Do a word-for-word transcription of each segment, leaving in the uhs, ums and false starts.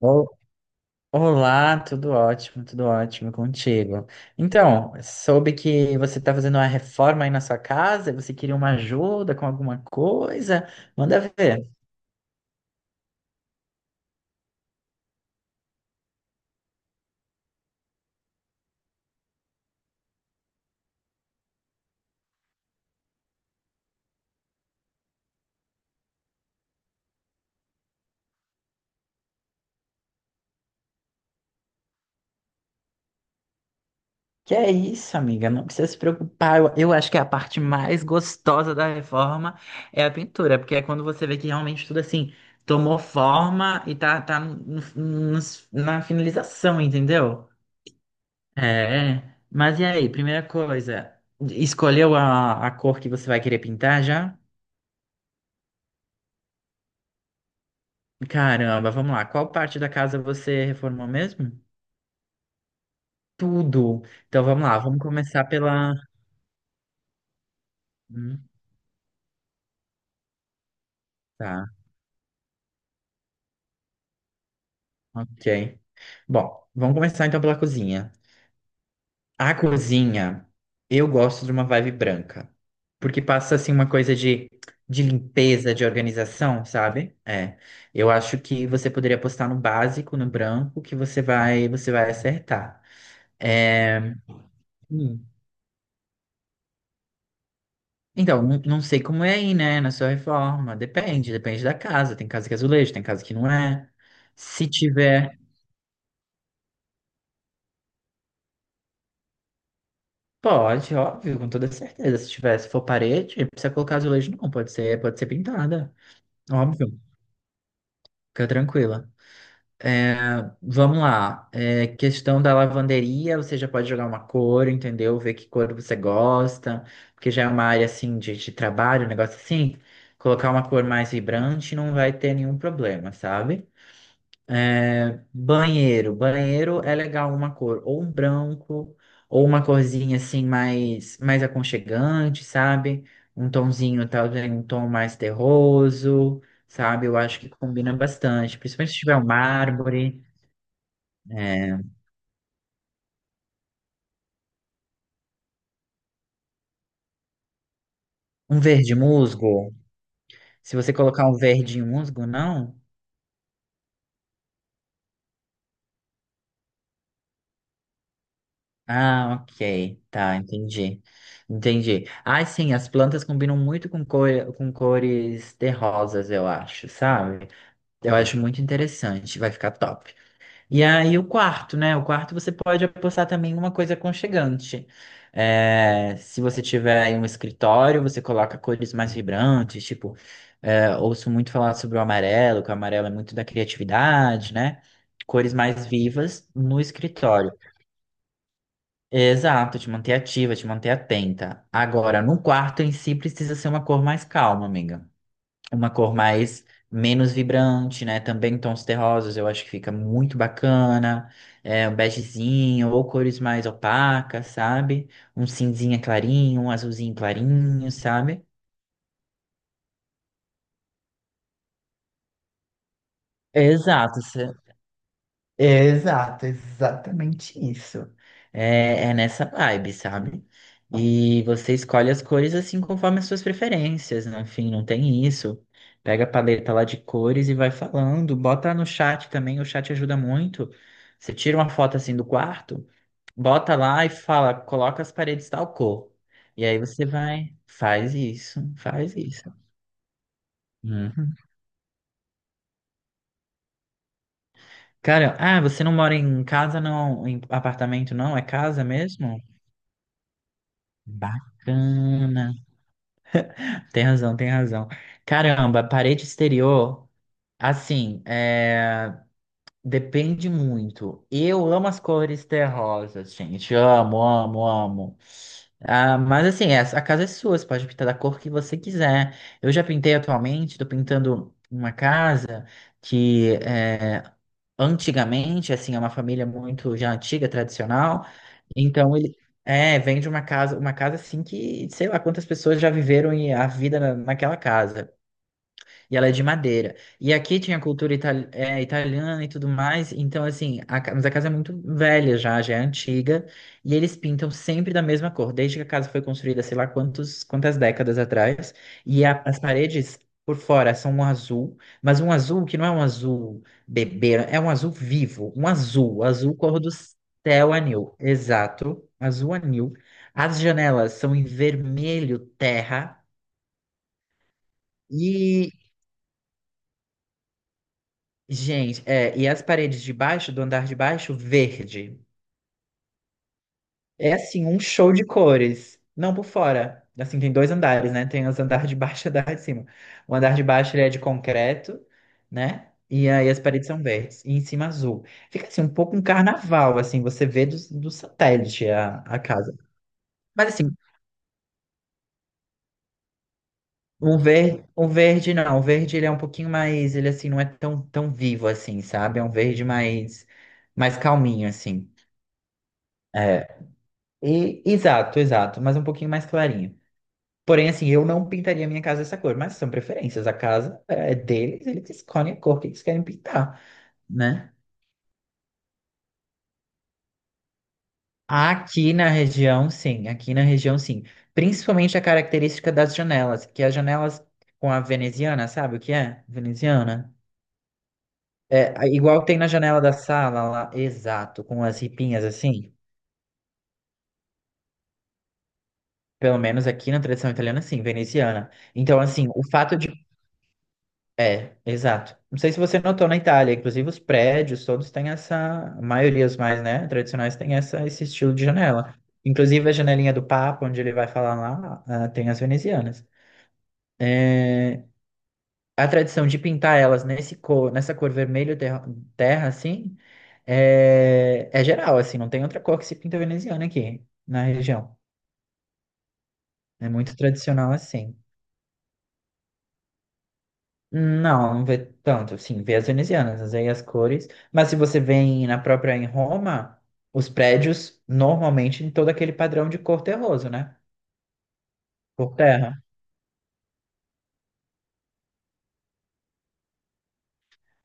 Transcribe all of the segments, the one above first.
Ol- Olá, tudo ótimo, tudo ótimo contigo. Então, soube que você está fazendo uma reforma aí na sua casa, você queria uma ajuda com alguma coisa? Manda ver. Que é isso, amiga, não precisa se preocupar. Eu, eu acho que a parte mais gostosa da reforma é a pintura, porque é quando você vê que realmente tudo assim tomou forma e tá, tá no- no- no- na finalização, entendeu? É, mas e aí, primeira coisa, escolheu a, a cor que você vai querer pintar já? Caramba, vamos lá, qual parte da casa você reformou mesmo? Tudo. Então vamos lá, vamos começar pela. Hum, tá, ok. Bom, vamos começar então pela cozinha. A cozinha, eu gosto de uma vibe branca, porque passa assim uma coisa de, de limpeza, de organização, sabe? É, eu acho que você poderia apostar no básico, no branco, que você vai, você vai acertar. É, hum. Então, não, não sei como é aí, né, na sua reforma. Depende, depende da casa. Tem casa que é azulejo, tem casa que não é. Se tiver, pode, óbvio, com toda certeza. Se tiver, se for parede, não precisa colocar azulejo, não. Pode ser, pode ser pintada, óbvio. Fica tranquila. É, vamos lá. É, questão da lavanderia, você já pode jogar uma cor, entendeu? Ver que cor você gosta, porque já é uma área assim de, de trabalho, um negócio assim. Colocar uma cor mais vibrante não vai ter nenhum problema, sabe? É, banheiro. Banheiro é legal uma cor, ou um branco, ou uma corzinha assim mais, mais aconchegante, sabe? Um tomzinho, talvez um tom mais terroso, sabe? Eu acho que combina bastante, principalmente se tiver um mármore. É, um verde musgo. Se você colocar um verde musgo, não? Ah, ok. Tá, entendi. Entendi. Ah, sim, as plantas combinam muito com, cor, com cores terrosas, eu acho, sabe? Eu acho muito interessante. Vai ficar top. E aí o quarto, né? O quarto você pode apostar também em uma coisa aconchegante. É, se você tiver aí um escritório, você coloca cores mais vibrantes, tipo, é, ouço muito falar sobre o amarelo, que o amarelo é muito da criatividade, né? Cores mais vivas no escritório. Exato, te manter ativa, te manter atenta. Agora, no quarto em si precisa ser uma cor mais calma, amiga, uma cor mais menos vibrante, né? Também tons terrosos, eu acho que fica muito bacana. É, um begezinho ou cores mais opacas, sabe? Um cinzinha clarinho, um azulzinho clarinho, sabe? Exato. É, Exato, exatamente isso. É, é nessa vibe, sabe? E você escolhe as cores assim conforme as suas preferências, no fim, não tem isso. Pega a paleta lá de cores e vai falando, bota no chat também, o chat ajuda muito. Você tira uma foto assim do quarto, bota lá e fala, coloca as paredes tal cor. E aí você vai, faz isso, faz isso. Uhum. Cara, ah, você não mora em casa, não, em apartamento, não? É casa mesmo? Bacana. Tem razão, tem razão. Caramba, parede exterior, assim, é, depende muito. Eu amo as cores terrosas, gente. Amo, amo, amo. Ah, mas assim, essa- a casa é sua, você pode pintar da cor que você quiser. Eu já pintei atualmente, tô pintando uma casa que é, antigamente, assim, é uma família muito já antiga, tradicional. Então ele é, vem de uma casa, uma casa assim que, sei lá quantas pessoas já viveram e a vida na- naquela casa. E ela é de madeira. E aqui tinha cultura itali- é, italiana e tudo mais. Então, assim, a, ca- mas a casa é muito velha já, já é antiga. E eles pintam sempre da mesma cor, desde que a casa foi construída, sei lá quantos, quantas décadas atrás. E a- as paredes por fora são um azul, mas um azul que não é um azul bebê, é um azul vivo. Um azul, azul cor do céu anil. Exato, azul anil. As janelas são em vermelho terra. e Gente, é, e as paredes de baixo, do andar de baixo, verde. É assim, um show de cores. Não por fora. Assim, tem dois andares, né? Tem os andar de baixo e o andar de cima. O andar de baixo ele é de concreto, né? E aí as paredes são verdes. E em cima azul. Fica assim, um pouco um carnaval, assim, você vê do, do satélite a, a casa. Mas assim, o verde, o verde não. O verde ele é um pouquinho mais, ele assim, não é tão, tão vivo assim, sabe? É um verde mais, mais calminho, assim. É, E, exato, exato, mas um pouquinho mais clarinho. Porém, assim, eu não pintaria minha casa dessa cor, mas são preferências. A casa é deles, eles escolhem a cor que eles querem pintar, né? Aqui na região, sim, aqui na região, sim. Principalmente a característica das janelas, que as janelas com a veneziana, sabe o que é? Veneziana? É, a- igual tem na janela da sala lá, exato, com as ripinhas assim. Pelo menos aqui na tradição italiana, sim, veneziana. Então, assim, o fato de É, exato. Não sei se você notou na Itália, inclusive os prédios todos têm essa, a maioria os mais, né, tradicionais têm essa, esse estilo de janela. Inclusive a janelinha do Papa, onde ele vai falar lá, ah, tem as venezianas. É, a tradição de pintar elas nesse cor, nessa cor vermelho terra, terra assim, é, é geral, assim, não tem outra cor que se pinta veneziana aqui na região. É muito tradicional assim. Não, não vê tanto, sim, vê as venezianas, mas aí as cores. Mas se você vem na própria em Roma, os prédios normalmente em todo aquele padrão de cor terroso, né? Por terra.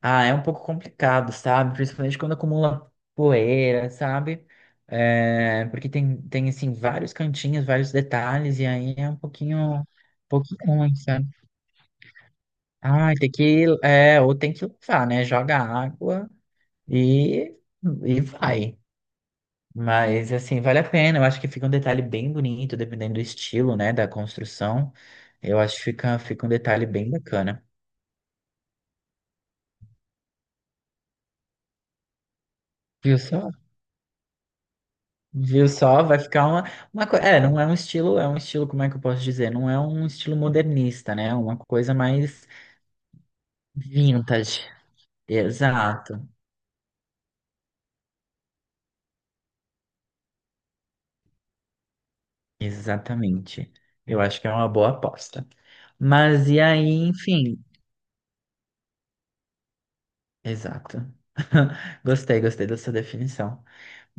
Ah, é um pouco complicado, sabe? Principalmente quando acumula poeira, sabe? É, porque tem, tem, assim, vários cantinhos, vários detalhes, e aí é um pouquinho, um pouquinho ruim, sabe? Ah, tem que, é, ou tem que lavar, né? Joga água e, e vai. Mas, assim, vale a pena. Eu acho que fica um detalhe bem bonito, dependendo do estilo, né, da construção. Eu acho que fica, fica um detalhe bem bacana. Viu só? Viu só? Vai ficar uma, uma coisa. É, não é um estilo, é um estilo, como é que eu posso dizer? Não é um estilo modernista, né? É uma coisa mais vintage. Exato, exatamente. Eu acho que é uma boa aposta. Mas e aí, enfim, exato. Gostei, gostei dessa definição.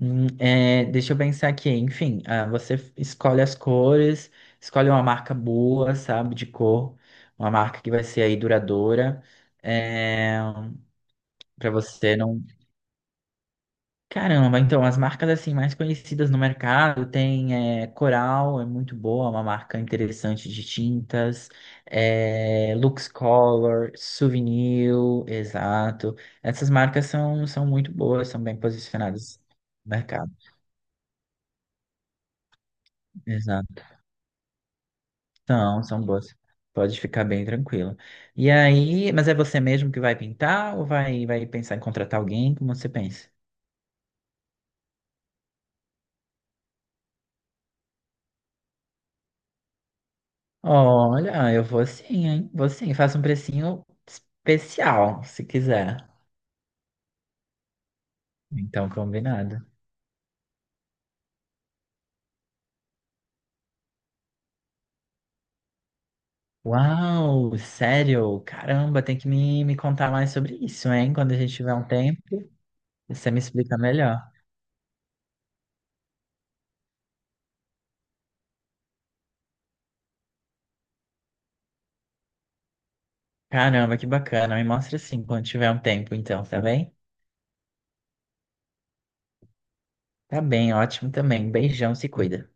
Hum, é, deixa eu pensar aqui. Enfim, ah, você f- escolhe as cores, escolhe uma marca boa, sabe, de cor, uma marca que vai ser aí duradoura, é, para você não. Caramba, então as marcas assim mais conhecidas no mercado tem é, Coral, é muito boa, é uma marca interessante de tintas, é, Lux Color, Souvenir, exato. Essas marcas são, são muito boas, são bem posicionadas no mercado. São, são boas. Pode ficar bem tranquilo. E aí, mas é você mesmo que vai pintar ou vai, vai pensar em contratar alguém? Como você pensa? Olha, eu vou sim, hein? Vou sim. Faço um precinho especial, se quiser. Então, combinado. Uau, sério? Caramba, tem que me, me contar mais sobre isso, hein? Quando a gente tiver um tempo, você me explica melhor. Caramba, que bacana. Me mostra sim quando tiver um tempo, então, tá bem? Tá bem, ótimo também. Beijão, se cuida.